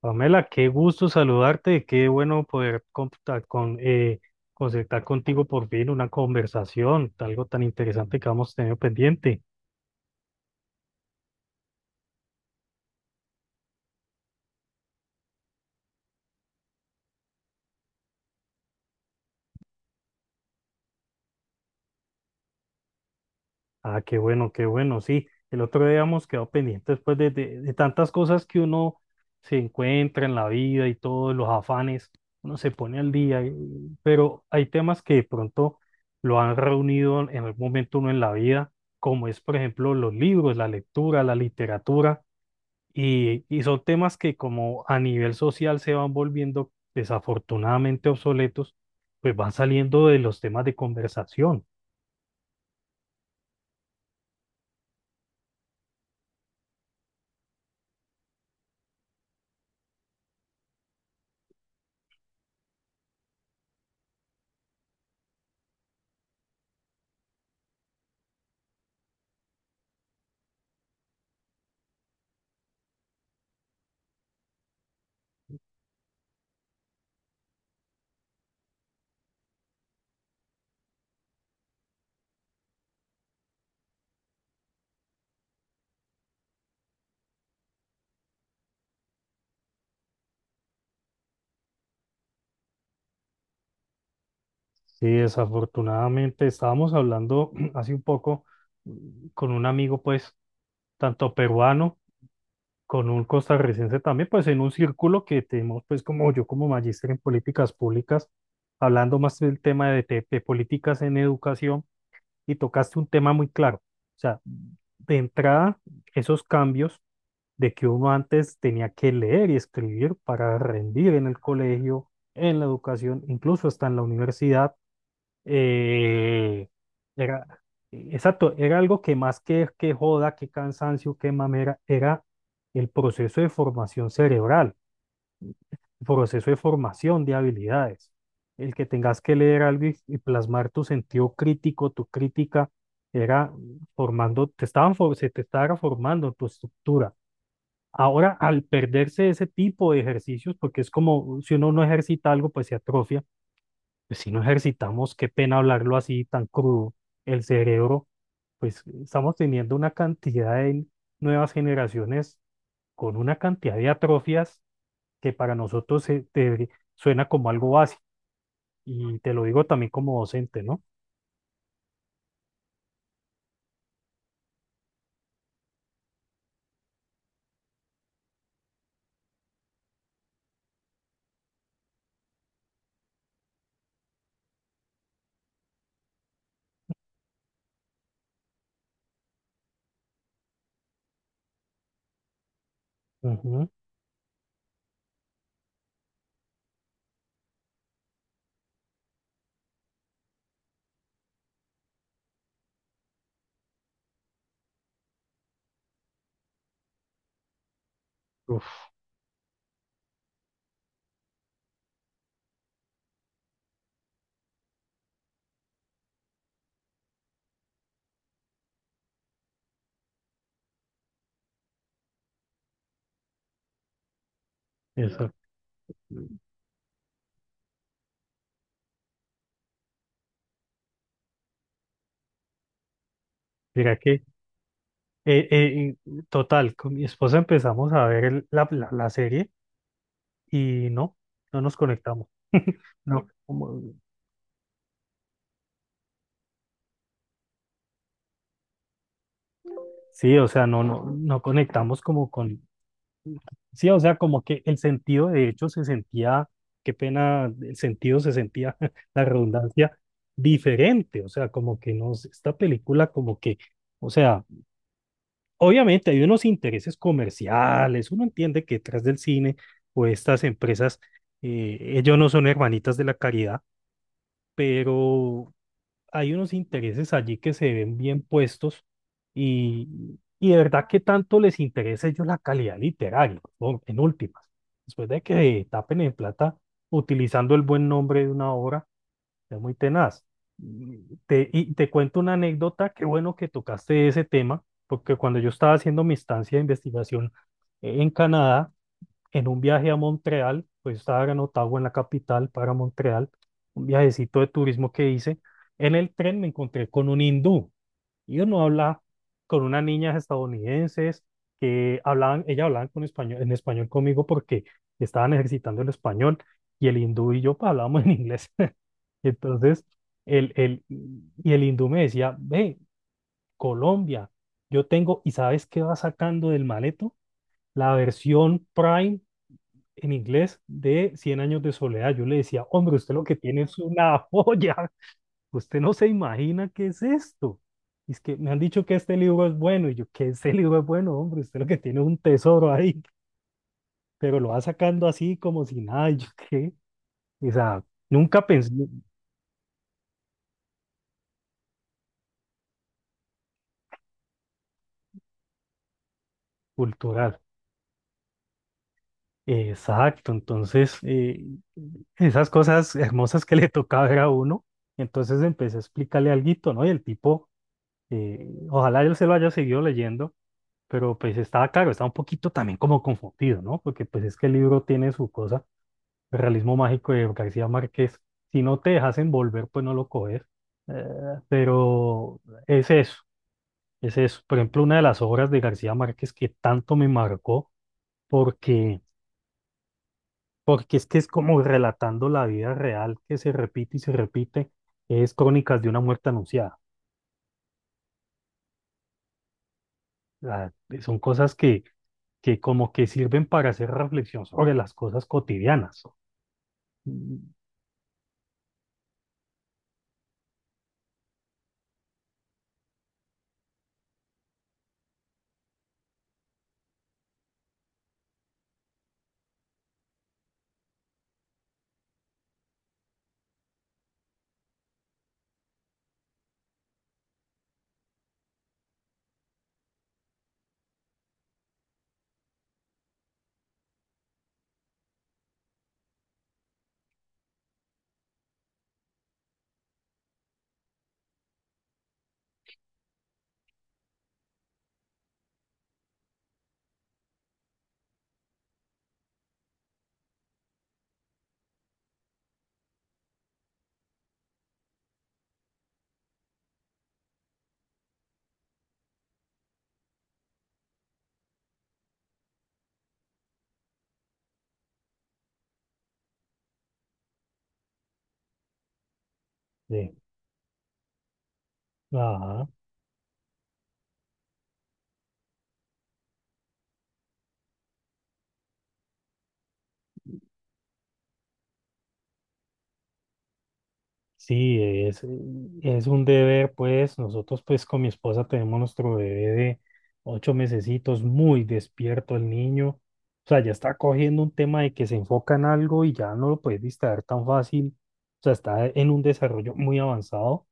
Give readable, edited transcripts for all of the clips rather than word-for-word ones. Pamela, qué gusto saludarte, qué bueno poder concertar contigo por fin una conversación, algo tan interesante que hemos tenido pendiente. Ah, qué bueno, sí. El otro día hemos quedado pendientes después de tantas cosas que uno se encuentra en la vida y todos los afanes, uno se pone al día, pero hay temas que de pronto lo han reunido en algún momento uno en la vida, como es, por ejemplo, los libros, la lectura, la literatura. Y son temas que como a nivel social se van volviendo desafortunadamente obsoletos, pues van saliendo de los temas de conversación. Sí, desafortunadamente estábamos hablando hace un poco con un amigo, pues, tanto peruano, con un costarricense también, pues en un círculo que tenemos, pues, como yo como magíster en políticas públicas, hablando más del tema de políticas en educación y tocaste un tema muy claro. O sea, de entrada, esos cambios de que uno antes tenía que leer y escribir para rendir en el colegio, en la educación, incluso hasta en la universidad, eh, era, exacto, era algo que más que joda, que cansancio, que mamera, era el proceso de formación cerebral, proceso de formación de habilidades. El que tengas que leer algo y plasmar tu sentido crítico, tu crítica, era formando, se te estaba formando tu estructura. Ahora, al perderse ese tipo de ejercicios, porque es como si uno no ejercita algo, pues se atrofia. Pues si no ejercitamos, qué pena hablarlo así tan crudo. El cerebro, pues estamos teniendo una cantidad de nuevas generaciones con una cantidad de atrofias que para nosotros suena como algo básico. Y te lo digo también como docente, ¿no? Ujú. Uf, eso. Mira que, total, con mi esposa empezamos a ver la serie y no, no nos conectamos. No, como- sí, o sea, no, no conectamos como con, sí, o sea, como que el sentido de hecho se sentía, qué pena, el sentido se sentía, la redundancia, diferente, o sea, como que no, esta película como que, o sea, obviamente hay unos intereses comerciales, uno entiende que detrás del cine o estas empresas, ellos no son hermanitas de la caridad, pero hay unos intereses allí que se ven bien puestos y de verdad que tanto les interesa a ellos la calidad literaria, ¿no? En últimas, después de que tapen en plata utilizando el buen nombre de una obra es muy tenaz. Y te cuento una anécdota, qué bueno que tocaste ese tema, porque cuando yo estaba haciendo mi estancia de investigación en Canadá, en un viaje a Montreal, pues yo estaba en Ottawa, en la capital, para Montreal, un viajecito de turismo que hice, en el tren me encontré con un hindú y uno habla con unas niñas estadounidenses que hablaban, ellas hablaban con español, en español conmigo porque estaban ejercitando el español y el hindú y yo pues, hablábamos en inglés. Entonces, el, el, y el hindú me decía, ve, Colombia, yo tengo, ¿y sabes qué va sacando del maleto? La versión Prime en inglés de Cien años de soledad. Yo le decía, hombre, usted lo que tiene es una joya, usted no se imagina qué es esto. Y es que me han dicho que este libro es bueno, y yo, que este libro es bueno, hombre, usted lo que tiene es un tesoro ahí, pero lo va sacando así como si nada, y yo qué, o sea, nunca pensé cultural. Exacto, entonces esas cosas hermosas que le tocaba ver a uno, entonces empecé a explicarle alguito, ¿no? Y el tipo, ojalá él se lo haya seguido leyendo, pero pues estaba claro, estaba un poquito también como confundido, ¿no? Porque pues es que el libro tiene su cosa, el realismo mágico de García Márquez, si no te dejas envolver, pues no lo coges, eh, pero es eso, es eso. Por ejemplo, una de las obras de García Márquez que tanto me marcó, porque porque es que es como relatando la vida real que se repite y se repite, es Crónicas de una muerte anunciada. Ah, son cosas que como que sirven para hacer reflexión sobre las cosas cotidianas. Mm. Sí. Ajá. Sí, es, es un deber, pues nosotros pues con mi esposa tenemos nuestro bebé de ocho mesecitos, muy despierto el niño, o sea, ya está cogiendo un tema de que se enfoca en algo y ya no lo puedes distraer tan fácil, o sea, está en un desarrollo muy avanzado,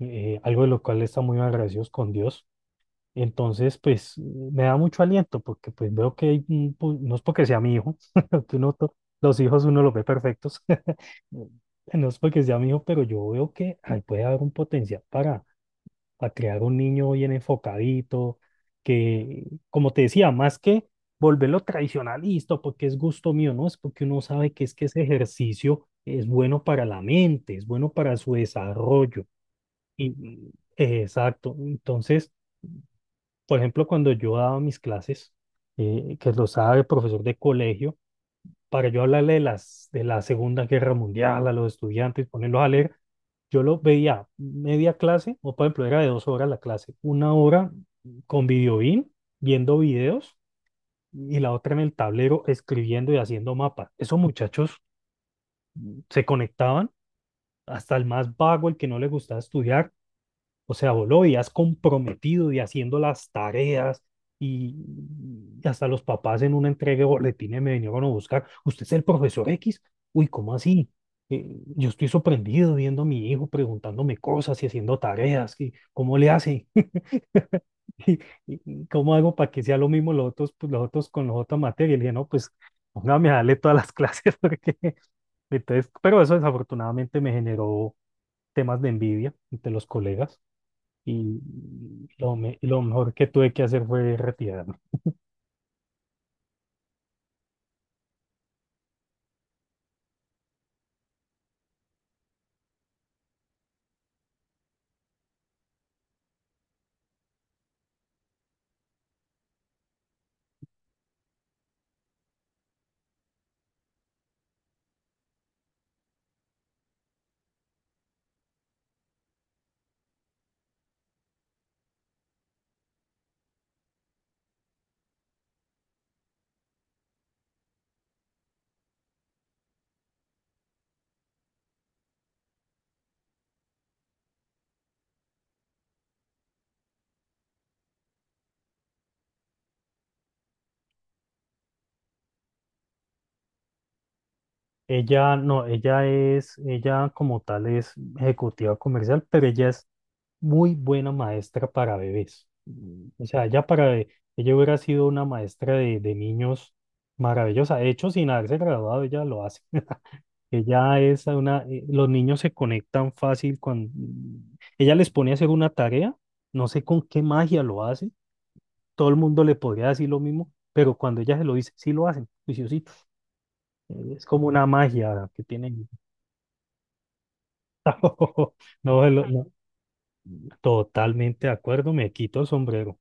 algo de lo cual está muy agradecidos con Dios, entonces pues me da mucho aliento porque pues veo que hay un no es porque sea mi hijo, que los hijos uno los ve perfectos, no es porque sea mi hijo, pero yo veo que ahí puede haber un potencial para crear un niño bien enfocadito, que, como te decía, más que volverlo tradicionalista, porque es gusto mío, no, es porque uno sabe que es que ese ejercicio es bueno para la mente, es bueno para su desarrollo. Y, mm, exacto. Entonces, por ejemplo, cuando yo daba mis clases, que lo sabe el profesor de colegio, para yo hablarle de de la Segunda Guerra Mundial a los estudiantes, ponerlos a leer. Yo lo veía media clase, o por ejemplo, era de dos horas la clase, una hora con viendo videos, y la otra en el tablero escribiendo y haciendo mapas. Esos muchachos se conectaban, hasta el más vago, el que no le gustaba estudiar, o sea, vos lo veías comprometido y haciendo las tareas y y hasta los papás en una entrega de boletines me vinieron a buscar. ¿Usted es el profesor X? Uy, ¿cómo así? Yo estoy sorprendido viendo a mi hijo preguntándome cosas y haciendo tareas. ¿Y cómo le hace? ¿Y- cómo hago para que sea lo mismo los otros, pues, los otros con los otras materias? Y le dije, no, pues póngame a darle todas las clases porque entonces, pero eso desafortunadamente me generó temas de envidia entre los colegas y lo mejor que tuve que hacer fue retirarme. Ella no, ella como tal es ejecutiva comercial, pero ella es muy buena maestra para bebés. O sea, ella hubiera sido una maestra de niños maravillosa. De hecho, sin haberse graduado, ella lo hace. Ella es una, los niños se conectan fácil con, ella les pone a hacer una tarea, no sé con qué magia lo hace, todo el mundo le podría decir lo mismo, pero cuando ella se lo dice, sí lo hacen, juiciositos. Es como una magia que tienen. No, totalmente de acuerdo, me quito el sombrero.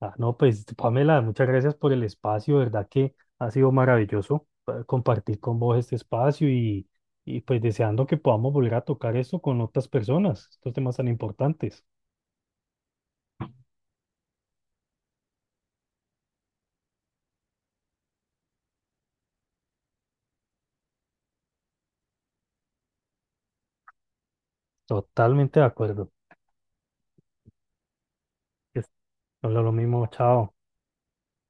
Ah, no, pues Pamela, muchas gracias por el espacio, verdad que ha sido maravilloso compartir con vos este espacio y pues deseando que podamos volver a tocar esto con otras personas, estos temas tan importantes. Totalmente de acuerdo. Es- No lo mismo, chao.